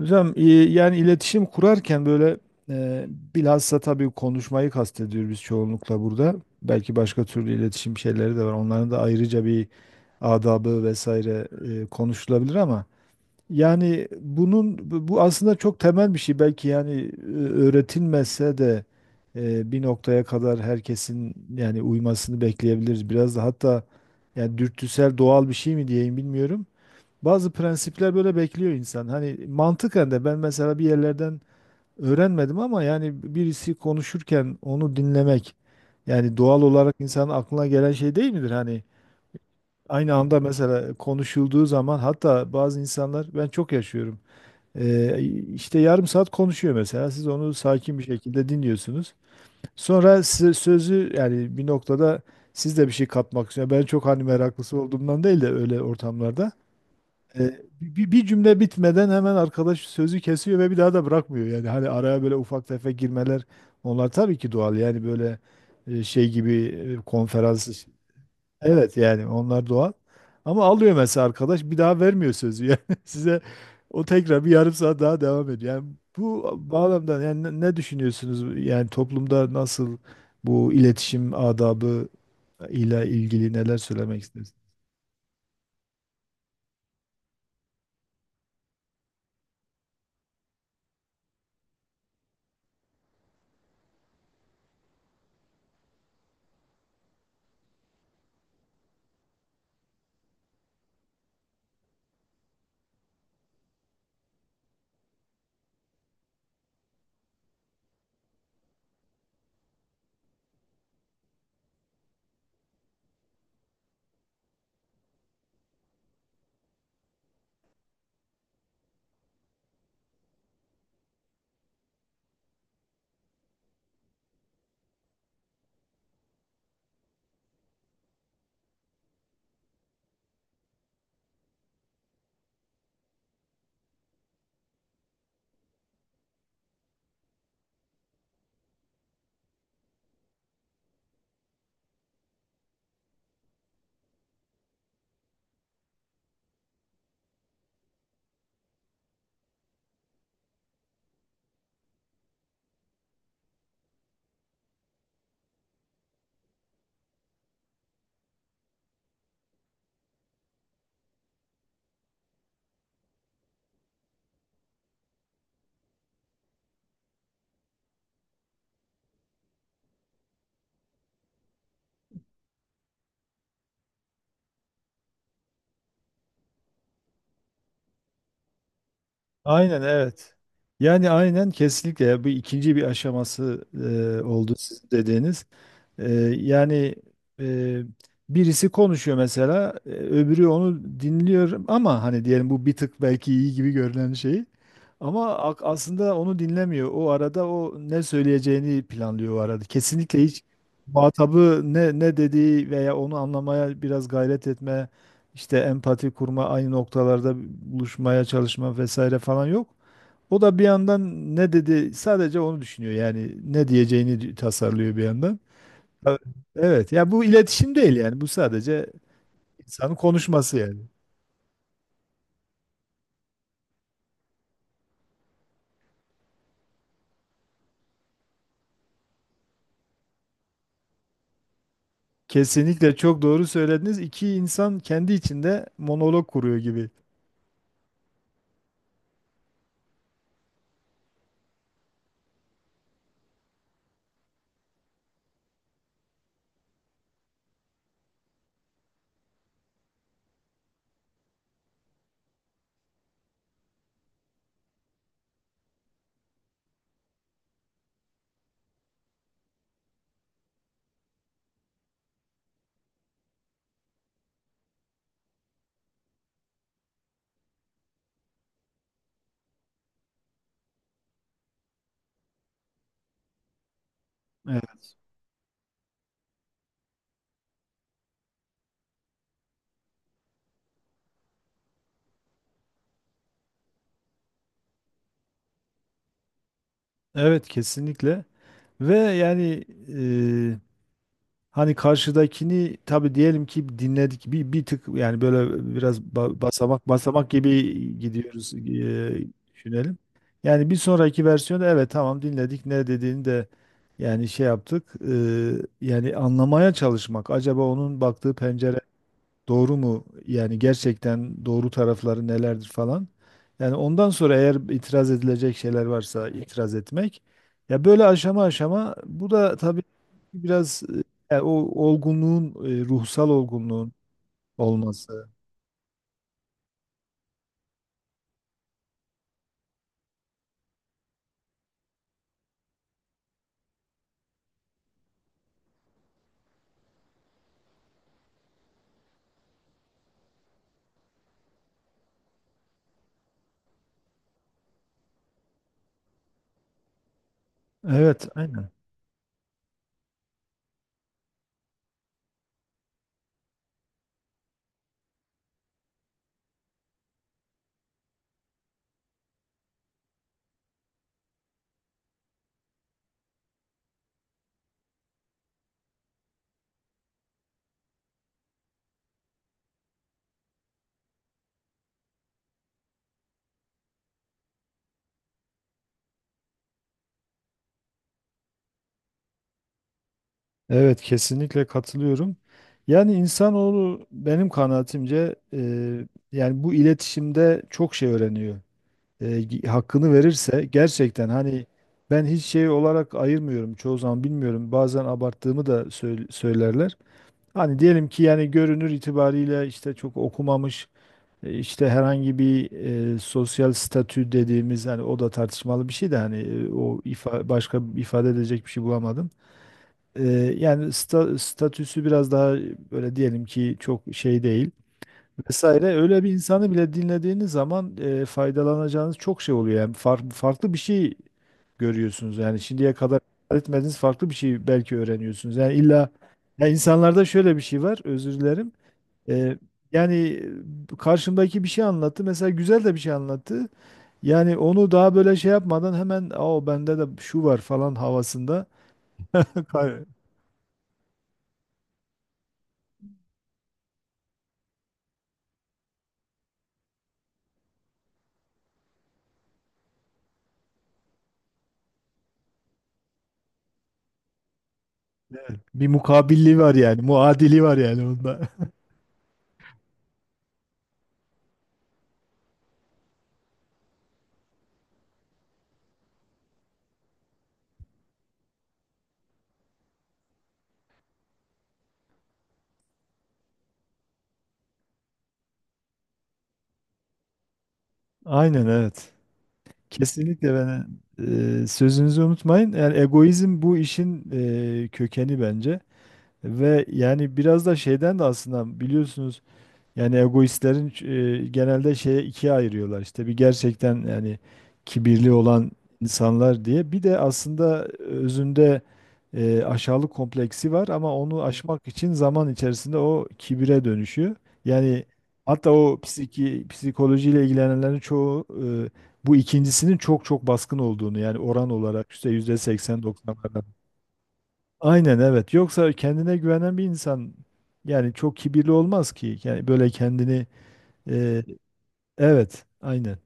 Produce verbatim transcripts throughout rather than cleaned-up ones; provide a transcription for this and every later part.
Hocam e, yani iletişim kurarken böyle e, bilhassa tabii konuşmayı kastediyoruz biz çoğunlukla burada. Belki başka türlü iletişim şeyleri de var. Onların da ayrıca bir adabı vesaire e, konuşulabilir ama yani bunun bu bu aslında çok temel bir şey. Belki yani e, öğretilmezse de e, bir noktaya kadar herkesin yani uymasını bekleyebiliriz. Biraz da hatta yani dürtüsel doğal bir şey mi diyeyim bilmiyorum. Bazı prensipler böyle bekliyor insan. Hani mantıken de ben mesela bir yerlerden öğrenmedim ama yani birisi konuşurken onu dinlemek yani doğal olarak insanın aklına gelen şey değil midir? Hani aynı anda mesela konuşulduğu zaman hatta bazı insanlar ben çok yaşıyorum. Ee, işte yarım saat konuşuyor mesela. Siz onu sakin bir şekilde dinliyorsunuz. Sonra size sözü yani bir noktada siz de bir şey katmak istiyorsunuz. Ben çok hani meraklısı olduğumdan değil de öyle ortamlarda. E, bir, bir cümle bitmeden hemen arkadaş sözü kesiyor ve bir daha da bırakmıyor. Yani hani araya böyle ufak tefek girmeler onlar tabii ki doğal. Yani böyle e, şey gibi e, konferans. iş- Evet yani onlar doğal. Ama alıyor mesela arkadaş bir daha vermiyor sözü. Yani size o tekrar bir yarım saat daha devam ediyor. Yani bu bağlamda yani ne ne düşünüyorsunuz? Yani toplumda nasıl bu iletişim adabı ile ilgili neler söylemek istersiniz? Aynen, evet. Yani aynen kesinlikle ya bu ikinci bir aşaması e, oldu sizin dediğiniz. Ee, Yani e, birisi konuşuyor mesela, e, öbürü onu dinliyor ama hani diyelim bu bir tık belki iyi gibi görünen şey. Ama ak- aslında onu dinlemiyor. O arada o ne söyleyeceğini planlıyor o arada. Kesinlikle hiç muhatabı ne ne dediği veya onu anlamaya biraz gayret etme, işte empati kurma, aynı noktalarda buluşmaya çalışma vesaire falan yok. O da bir yandan ne dedi sadece onu düşünüyor. Yani ne diyeceğini tasarlıyor bir yandan. Tabii. Evet. Ya bu iletişim değil yani. Bu sadece insanın konuşması yani. Kesinlikle çok doğru söylediniz. İki insan kendi içinde monolog kuruyor gibi. Evet. Evet, kesinlikle. Ve yani hani karşıdakini tabii diyelim ki dinledik bir bir tık yani böyle biraz ba- basamak basamak gibi gidiyoruz eee, düşünelim. Yani bir sonraki versiyonda evet tamam dinledik ne dediğini de yani şey yaptık, eee, yani anlamaya çalışmak acaba onun baktığı pencere doğru mu? Yani gerçekten doğru tarafları nelerdir falan. Yani ondan sonra eğer itiraz edilecek şeyler varsa itiraz etmek. Ya böyle aşama aşama bu da tabii biraz e, o olgunluğun, e, ruhsal olgunluğun olması. Evet, aynen. Evet, kesinlikle katılıyorum. Yani insanoğlu benim kanaatimce e, yani bu iletişimde çok şey öğreniyor. e, Hakkını verirse gerçekten hani ben hiç şey olarak ayırmıyorum çoğu zaman, bilmiyorum, bazen abarttığımı da söyl- söylerler. Hani diyelim ki yani görünür itibariyle işte çok okumamış, e, işte herhangi bir e, sosyal statü dediğimiz, hani o da tartışmalı bir şey de, hani e, o ifa, başka bir ifade edecek bir şey bulamadım. E, Yani sta- statüsü biraz daha böyle diyelim ki çok şey değil vesaire, öyle bir insanı bile dinlediğiniz zaman e, faydalanacağınız çok şey oluyor. Yani far- farklı bir şey görüyorsunuz. Yani şimdiye kadar etmediğiniz farklı bir şey belki öğreniyorsunuz. Yani illa ya, insanlarda şöyle bir şey var. Özür dilerim. E, Yani e, karşımdaki bir şey anlattı. Mesela güzel de bir şey anlattı. Yani onu daha böyle şey yapmadan hemen o bende de şu var falan havasında. Kay- Evet, bir mukabilliği var yani. Muadili var yani onda. Aynen, evet. Kesinlikle, ben e, sözünüzü unutmayın. Yani egoizm bu işin e, kökeni bence. Ve yani biraz da şeyden de aslında biliyorsunuz, yani egoistlerin e, genelde şeye ikiye ayırıyorlar. İşte bir, gerçekten yani kibirli olan insanlar diye. Bir de aslında özünde e, aşağılık kompleksi var ama onu, evet, aşmak için zaman içerisinde o kibire dönüşüyor. Yani hatta o psiki, psikolojiyle ilgilenenlerin çoğu, e, bu ikincisinin çok çok baskın olduğunu, yani oran olarak işte yüzde seksen doksanlardan. Aynen, evet. Yoksa kendine güvenen bir insan yani çok kibirli olmaz ki. Yani böyle kendini ee, evet, aynen.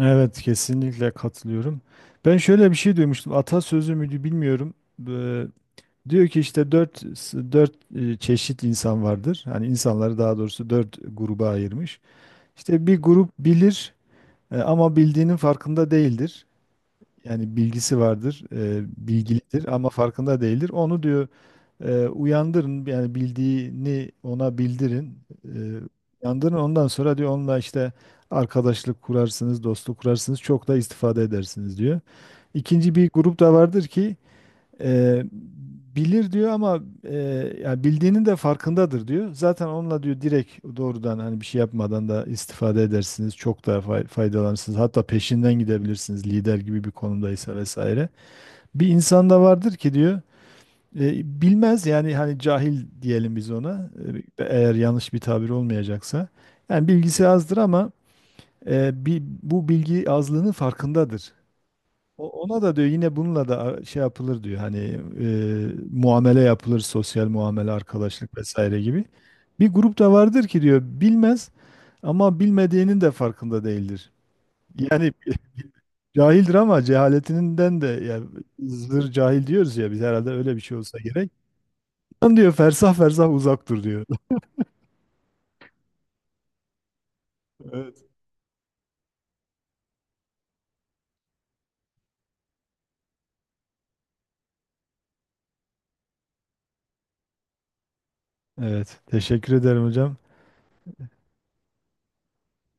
Evet, kesinlikle katılıyorum. Ben şöyle bir şey duymuştum. Atasözü müydü bilmiyorum. Ee, Diyor ki işte dört, dört e, çeşit insan vardır. Hani insanları, daha doğrusu, dört gruba ayırmış. İşte bir grup bilir e, ama bildiğinin farkında değildir. Yani bilgisi vardır, e, bilgilidir ama farkında değildir. Onu diyor e, uyandırın, yani bildiğini ona bildirin. E, Uyandırın, ondan sonra diyor onunla işte arkadaşlık kurarsınız, dostluk kurarsınız, çok da istifade edersiniz diyor. İkinci bir grup da vardır ki Eee, bilir diyor ama eee yani bildiğinin de farkındadır diyor. Zaten onunla diyor direkt doğrudan, hani bir şey yapmadan da istifade edersiniz. Çok daha fay- faydalanırsınız. Hatta peşinden gidebilirsiniz lider gibi bir konumdaysa vesaire. Bir insanda vardır ki diyor eee, bilmez, yani hani cahil diyelim biz ona, eee, eğer yanlış bir tabir olmayacaksa. Yani bilgisi azdır ama eee, bi- bu bilgi azlığının farkındadır. O- Ona da diyor, yine bununla da şey yapılır diyor, hani e, muamele yapılır, sosyal muamele, arkadaşlık vesaire gibi. Bir grup da vardır ki diyor bilmez ama bilmediğinin de farkında değildir. Yani cahildir ama cehaletinden de, yani zır cahil diyoruz ya biz, herhalde öyle bir şey olsa gerek. Lan diyor, fersah fersah uzak dur diyor. Evet. Evet, teşekkür ederim hocam.